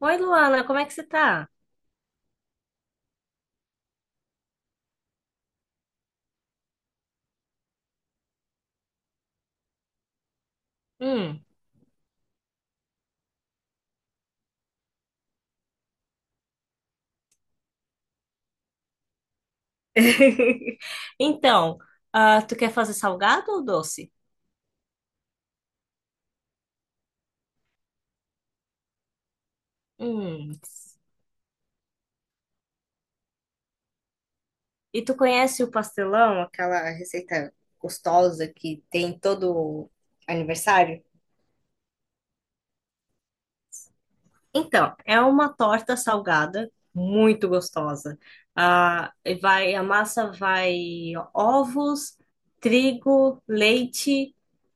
Oi, Luana, como é que você tá? Hum. Então, ah, tu quer fazer salgado ou doce? Hum. E tu conhece o pastelão, aquela receita gostosa que tem todo aniversário? Então, é uma torta salgada muito gostosa. Ah, e vai, a massa vai ovos, trigo, leite.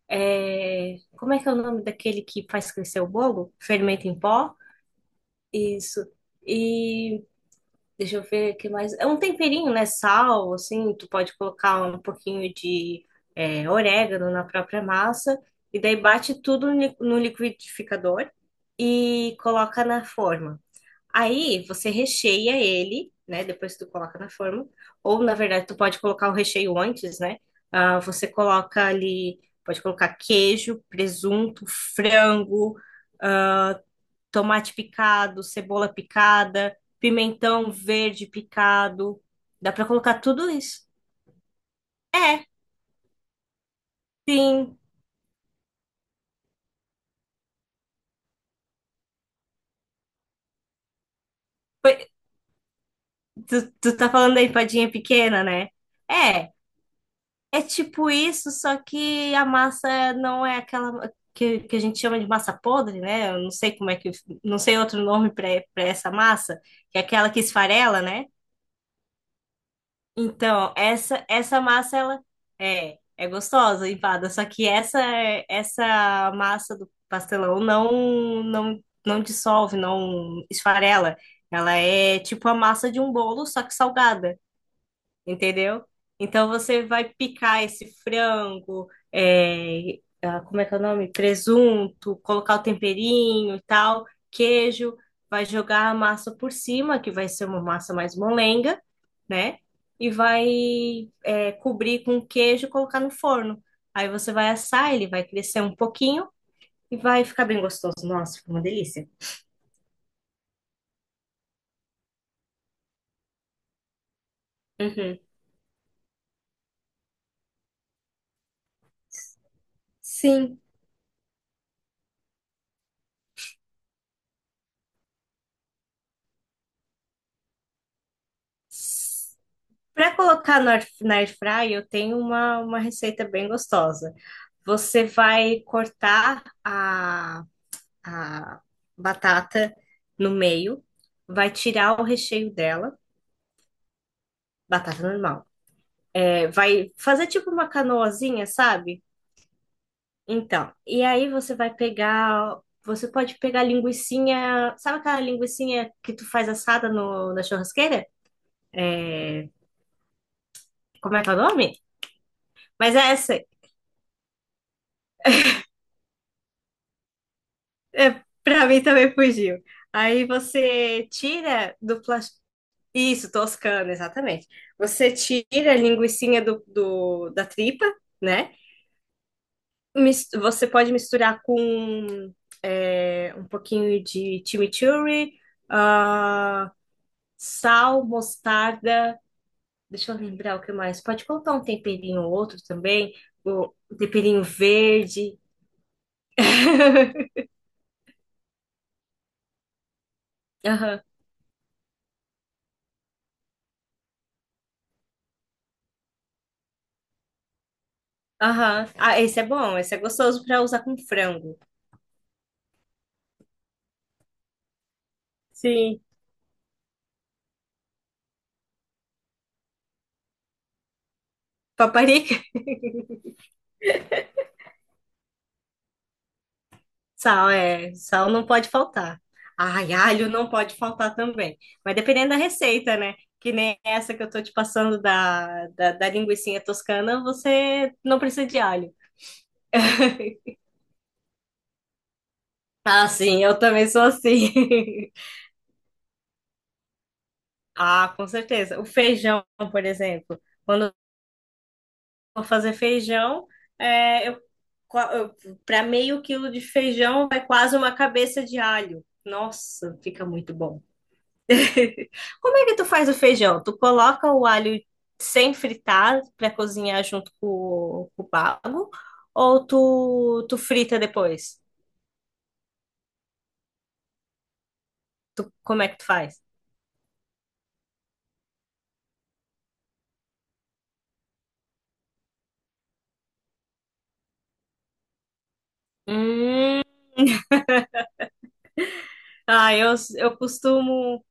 Como é que é o nome daquele que faz crescer o bolo? Fermento em pó? Isso. E deixa eu ver o que mais. É um temperinho, né? Sal, assim, tu pode colocar um pouquinho de orégano na própria massa, e daí bate tudo no liquidificador e coloca na forma. Aí você recheia ele, né? Depois que tu coloca na forma. Ou, na verdade, tu pode colocar o recheio antes, né? Ah, você coloca ali, pode colocar queijo, presunto, frango, tomate picado, cebola picada, pimentão verde picado. Dá pra colocar tudo isso. É, sim. Foi- tu tá falando da empadinha pequena, né? É, é tipo isso, só que a massa não é aquela que a gente chama de massa podre, né? Eu não sei como é que, não sei outro nome pra para essa massa, que é aquela que esfarela, né? Então, essa massa ela é gostosa, empada, só que essa massa do pastelão não não dissolve, não esfarela. Ela é tipo a massa de um bolo, só que salgada, entendeu? Então você vai picar esse frango, como é que é o nome? Presunto, colocar o temperinho e tal, queijo, vai jogar a massa por cima, que vai ser uma massa mais molenga, né? E vai, cobrir com queijo e colocar no forno. Aí você vai assar, ele vai crescer um pouquinho e vai ficar bem gostoso. Nossa, fica uma delícia. Uhum. Sim. Para colocar no air fry, eu tenho uma receita bem gostosa. Você vai cortar a batata no meio, vai tirar o recheio dela, batata normal. É, vai fazer tipo uma canoazinha, sabe? Então, e aí você vai pegar, você pode pegar linguiçinha, sabe aquela linguiçinha que tu faz assada no, na churrasqueira? É, como é que é o nome? Mas é essa, é, para mim também fugiu. Aí você tira do plástico. Isso, toscano, exatamente. Você tira a linguicinha da tripa, né? Você pode misturar com um pouquinho de chimichurri, ah, sal, mostarda. Deixa eu lembrar o que mais. Pode colocar um temperinho ou outro também, o um temperinho verde. Aham, aham. Ah, esse é bom, esse é gostoso para usar com frango. Sim, paparica, sal, sal não pode faltar. Ai, alho não pode faltar também. Mas dependendo da receita, né? Que nem essa que eu tô te passando da linguicinha toscana, você não precisa de alho. Ah, sim, eu também sou assim. Ah, com certeza. O feijão, por exemplo. Quando eu vou fazer feijão, é, eu, para meio quilo de feijão vai quase uma cabeça de alho. Nossa, fica muito bom. Como é que tu faz o feijão? Tu coloca o alho sem fritar para cozinhar junto com com o bago? Ou tu frita depois? Tu, como é que tu faz? Hum, eu costumo.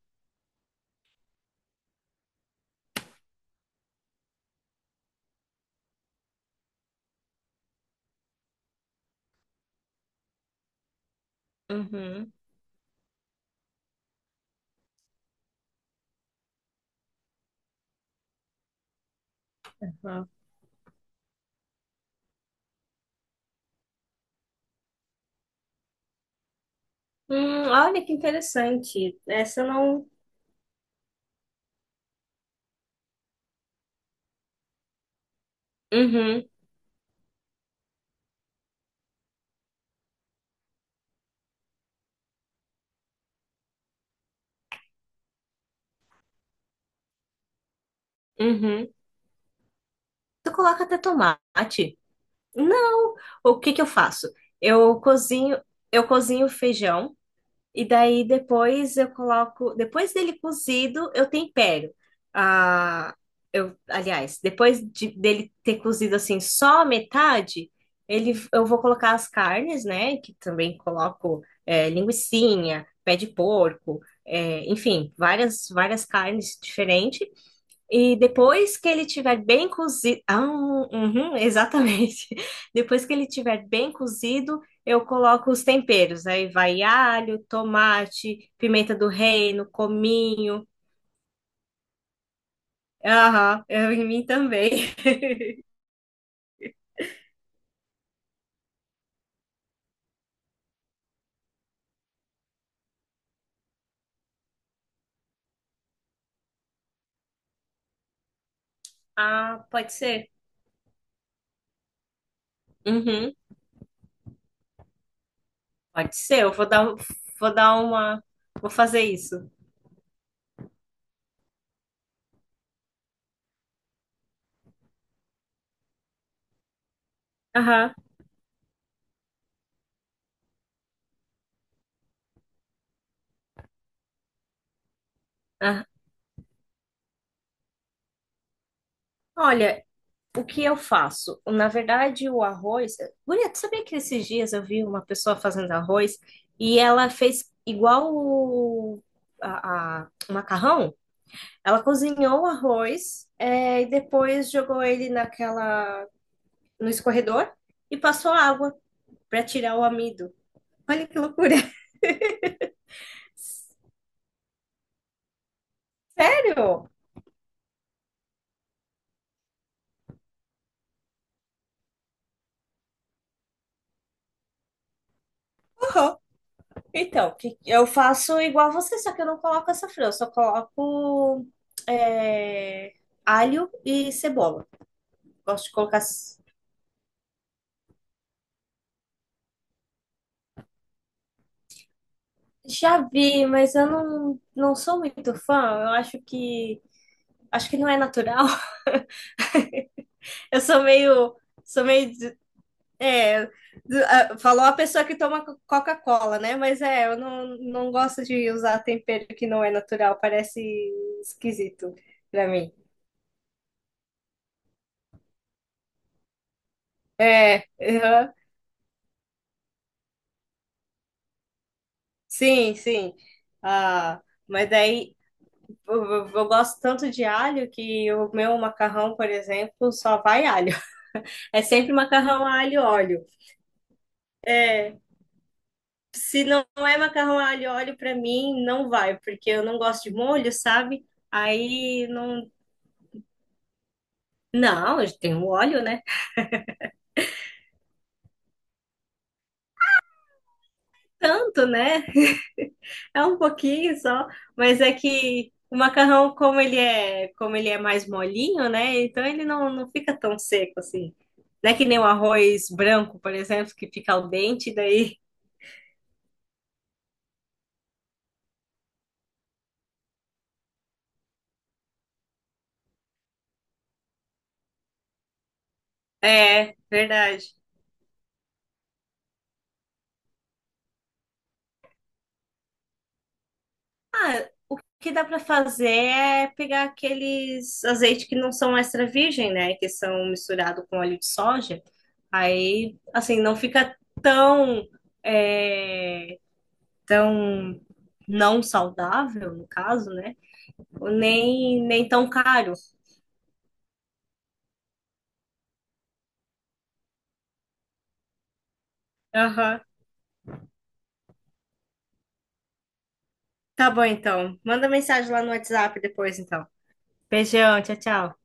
Uhum. Uhum. Olha que interessante. Essa não. Uhum, uhum. Tu coloca até tomate? Não. O que que eu faço? Eu cozinho, eu cozinho o feijão. E daí depois eu coloco, depois dele cozido, eu tempero. Ah, aliás, dele ter cozido assim só a metade, eu vou colocar as carnes, né? Que também coloco linguicinha, pé de porco, é, enfim, várias carnes diferentes. E depois que ele tiver bem cozido, ah, uhum, exatamente. Depois que ele tiver bem cozido, eu coloco os temperos. Aí vai alho, tomate, pimenta do reino, cominho. Aham, eu em mim também. Ah, pode ser. Uhum, pode ser. Vou dar uma, vou fazer isso. Aham. Ah. Olha, o que eu faço? Na verdade, o arroz. Guria, tu sabia que esses dias eu vi uma pessoa fazendo arroz e ela fez igual o macarrão? Ela cozinhou o arroz e depois jogou ele naquela no escorredor e passou água para tirar o amido. Olha que loucura! Sério? Aham. Então, eu faço igual a você, só que eu não coloco essa frango, eu só coloco é, alho e cebola. Gosto de colocar. Já vi, mas eu não, não sou muito fã. Eu acho que não é natural. Eu sou meio é, falou a pessoa que toma Coca-Cola, né? Mas é, eu não, não gosto de usar tempero que não é natural. Parece esquisito pra mim. É, aham. Sim, sim. Ah, mas daí eu gosto tanto de alho que o meu macarrão, por exemplo, só vai alho. É sempre macarrão a alho e óleo. É, se não é macarrão a alho e óleo, para mim não vai, porque eu não gosto de molho, sabe? Aí não. Não, tem o óleo, né? Tanto, né? É um pouquinho só, mas é que o macarrão, como ele é mais molinho, né? Então ele não, não fica tão seco assim. Não é que nem o arroz branco, por exemplo, que fica al dente, daí. É, verdade. Ah, o que dá para fazer é pegar aqueles azeites que não são extra virgem, né? Que são misturados com óleo de soja. Aí, assim, não fica tão, é, tão não saudável, no caso, né? Nem, nem tão caro. Aham. Tá bom, então. Manda mensagem lá no WhatsApp depois, então. Beijão, tchau, tchau.